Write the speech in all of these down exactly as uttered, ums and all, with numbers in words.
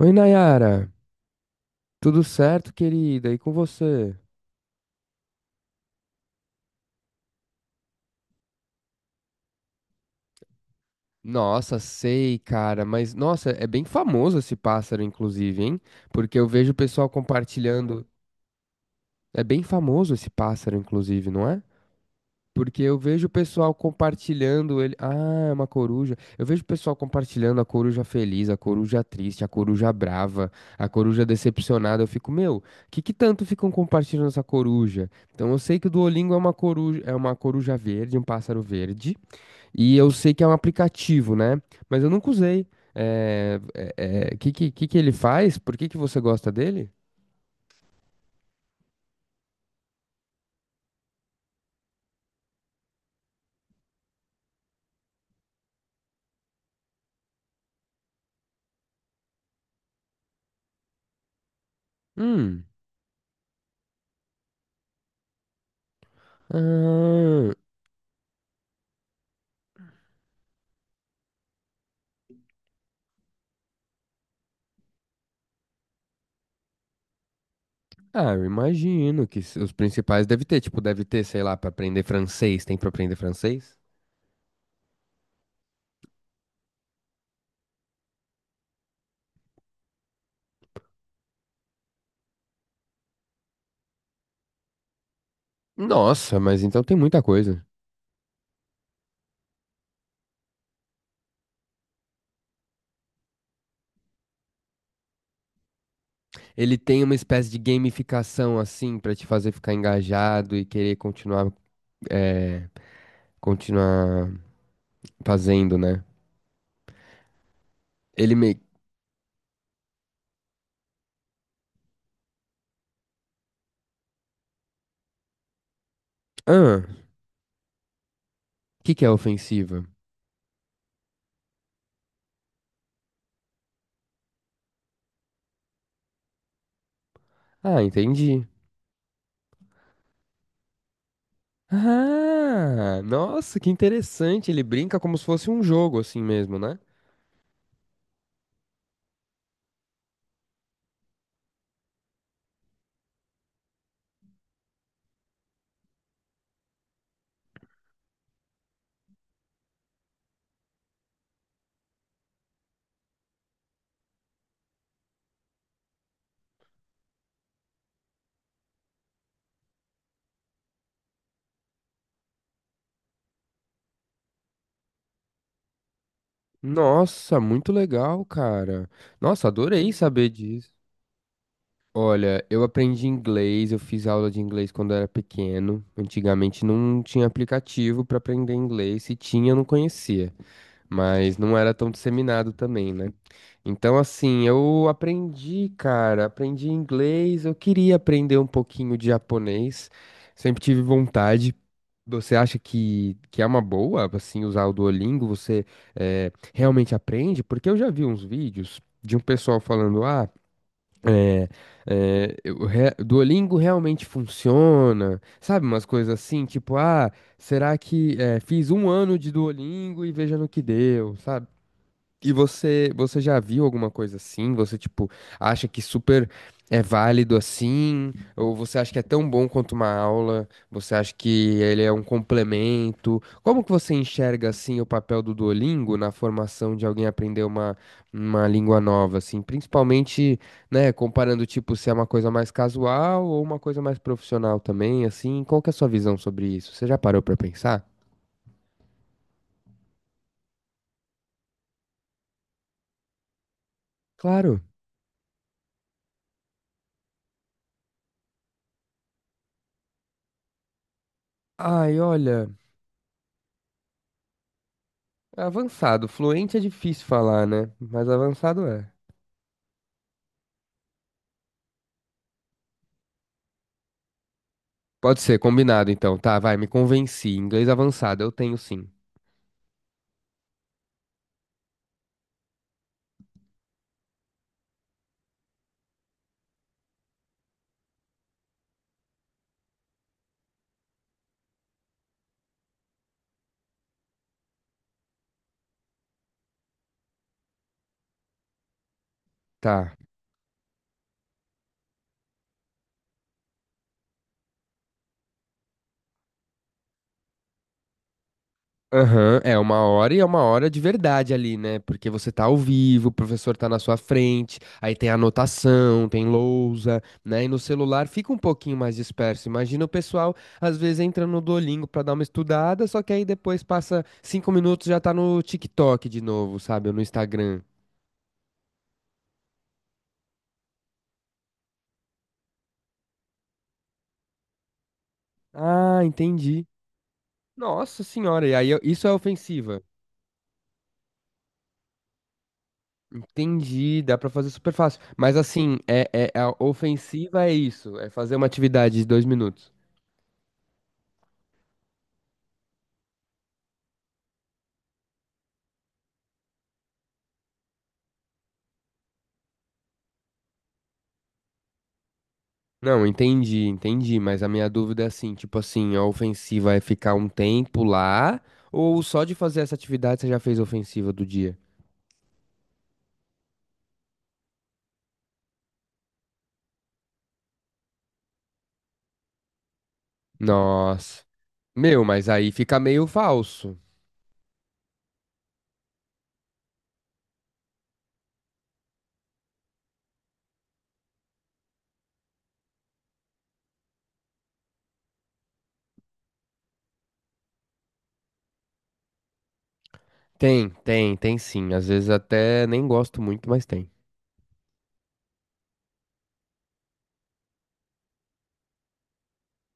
Oi, Nayara. Tudo certo, querida? E com você? Nossa, sei, cara, mas nossa, é bem famoso esse pássaro, inclusive, hein? Porque eu vejo o pessoal compartilhando. É bem famoso esse pássaro, inclusive, não é? Porque eu vejo o pessoal compartilhando ele. Ah, é uma coruja. Eu vejo o pessoal compartilhando a coruja feliz, a coruja triste, a coruja brava, a coruja decepcionada. Eu fico, meu, que que tanto ficam compartilhando essa coruja? Então eu sei que o Duolingo é uma coruja, é uma coruja verde, um pássaro verde. E eu sei que é um aplicativo, né? Mas eu nunca usei. É, é, é, que, que, que que ele faz? Por que que você gosta dele? Hum. Ah, ah, eu imagino que s- os principais deve ter, tipo, deve ter, sei lá, para aprender francês, tem para aprender francês? Nossa, mas então tem muita coisa. Ele tem uma espécie de gamificação assim pra te fazer ficar engajado e querer continuar, é, continuar fazendo, né? Ele meio, ah, o que que é ofensiva? Ah, entendi. Ah, nossa, que interessante. Ele brinca como se fosse um jogo assim mesmo, né? Nossa, muito legal, cara. Nossa, adorei saber disso. Olha, eu aprendi inglês, eu fiz aula de inglês quando eu era pequeno. Antigamente não tinha aplicativo pra aprender inglês, se tinha, eu não conhecia. Mas não era tão disseminado também, né? Então, assim, eu aprendi, cara, aprendi inglês, eu queria aprender um pouquinho de japonês, sempre tive vontade. Você acha que, que é uma boa, assim, usar o Duolingo? Você eh, realmente aprende? Porque eu já vi uns vídeos de um pessoal falando, ah. É, é, eu re- Duolingo realmente funciona, sabe? Umas coisas assim, tipo, ah, será que é, fiz um ano de Duolingo e veja no que deu, sabe? E você, você já viu alguma coisa assim? Você, tipo, acha que super é válido assim? Ou você acha que é tão bom quanto uma aula? Você acha que ele é um complemento? Como que você enxerga, assim, o papel do Duolingo na formação de alguém aprender uma, uma língua nova, assim? Principalmente, né, comparando, tipo, se é uma coisa mais casual ou uma coisa mais profissional também, assim? Qual que é a sua visão sobre isso? Você já parou pra pensar? Claro. Ai, olha. Avançado. Fluente é difícil falar, né? Mas avançado é. Pode ser, combinado então. Tá, vai, me convenci. Inglês avançado, eu tenho sim. Tá. Aham, é uma hora e é uma hora de verdade ali, né? Porque você tá ao vivo, o professor tá na sua frente, aí tem anotação, tem lousa, né? E no celular fica um pouquinho mais disperso. Imagina o pessoal, às vezes, entra no Duolingo pra dar uma estudada, só que aí depois passa cinco minutos já tá no TikTok de novo, sabe? Ou no Instagram. Ah, entendi. Nossa senhora, e aí eu- isso é ofensiva. Entendi, dá pra fazer super fácil. Mas assim, é, é a ofensiva é isso, é fazer uma atividade de dois minutos. Não, entendi, entendi, mas a minha dúvida é assim, tipo assim, a ofensiva é ficar um tempo lá, ou só de fazer essa atividade você já fez a ofensiva do dia? Nossa. Meu, mas aí fica meio falso. Tem, tem, tem sim. Às vezes até nem gosto muito, mas tem.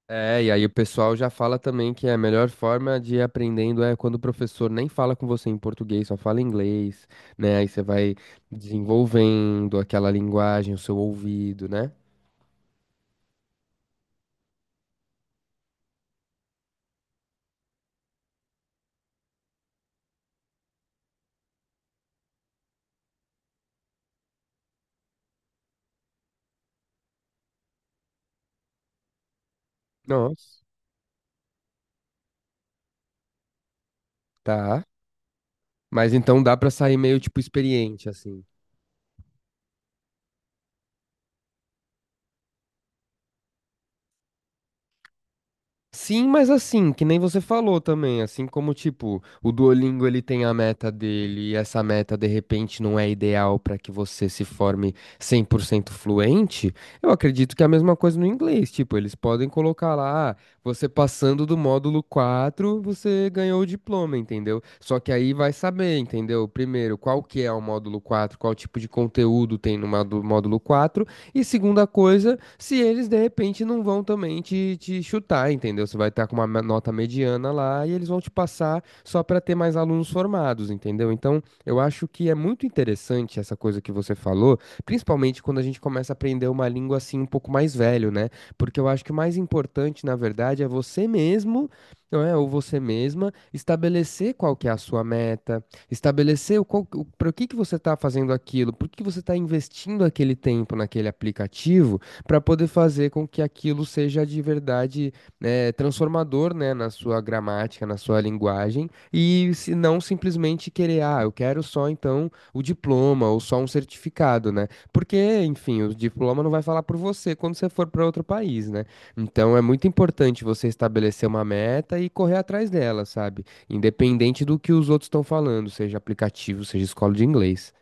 É, e aí o pessoal já fala também que a melhor forma de ir aprendendo é quando o professor nem fala com você em português, só fala inglês, né? Aí você vai desenvolvendo aquela linguagem, o seu ouvido, né? Nossa, tá. Mas então dá pra sair meio tipo experiente, assim. Sim, mas assim, que nem você falou também, assim como, tipo, o Duolingo ele tem a meta dele e essa meta de repente não é ideal para que você se forme cem por cento fluente, eu acredito que é a mesma coisa no inglês, tipo, eles podem colocar lá, ah, você passando do módulo quatro você ganhou o diploma, entendeu? Só que aí vai saber, entendeu? Primeiro, qual que é o módulo quatro, qual tipo de conteúdo tem no módulo módulo quatro, e segunda coisa, se eles de repente não vão também te, te chutar, entendeu? Você vai estar com uma me- nota mediana lá e eles vão te passar só para ter mais alunos formados, entendeu? Então, eu acho que é muito interessante essa coisa que você falou, principalmente quando a gente começa a aprender uma língua assim um pouco mais velho, né? Porque eu acho que o mais importante, na verdade, é você mesmo, não é? Ou você mesma estabelecer qual que é a sua meta, estabelecer o qual, o, para que que você está fazendo aquilo, por que que você está investindo aquele tempo naquele aplicativo para poder fazer com que aquilo seja de verdade eh, transformador, né, na sua gramática, na sua linguagem, e se não simplesmente querer, ah, eu quero só então o diploma ou só um certificado, né? Porque, enfim, o diploma não vai falar por você quando você for para outro país, né? Então é muito importante você estabelecer uma meta e correr atrás dela, sabe? Independente do que os outros estão falando, seja aplicativo, seja escola de inglês.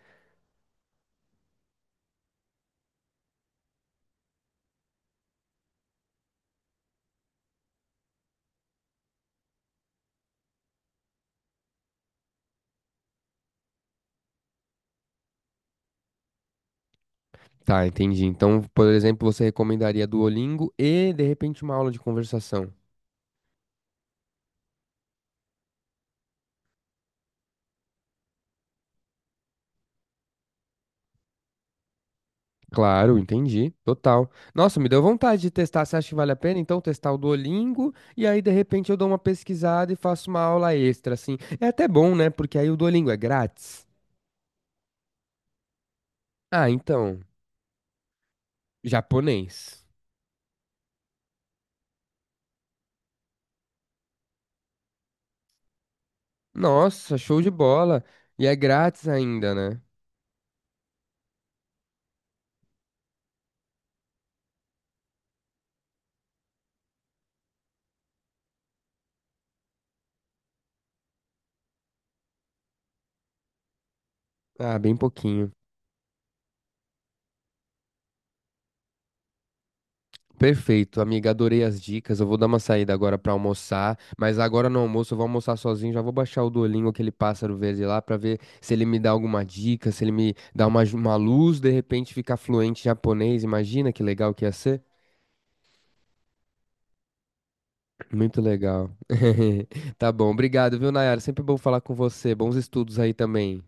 Tá, entendi. Então, por exemplo, você recomendaria Duolingo e, de repente, uma aula de conversação. Claro, entendi. Total. Nossa, me deu vontade de testar. Você acha que vale a pena, então, testar o Duolingo? E aí, de repente, eu dou uma pesquisada e faço uma aula extra, assim. É até bom, né? Porque aí o Duolingo é grátis. Ah, então. Japonês. Nossa, show de bola. E é grátis ainda, né? Ah, bem pouquinho. Perfeito, amiga, adorei as dicas. Eu vou dar uma saída agora pra almoçar, mas agora no almoço eu vou almoçar sozinho, já vou baixar o Duolingo, aquele pássaro verde lá, pra ver se ele me dá alguma dica, se ele me dá uma, ju- uma luz, de repente ficar fluente em japonês. Imagina que legal que ia ser. Muito legal. Tá bom, obrigado, viu, Nayara? Sempre bom falar com você. Bons estudos aí também.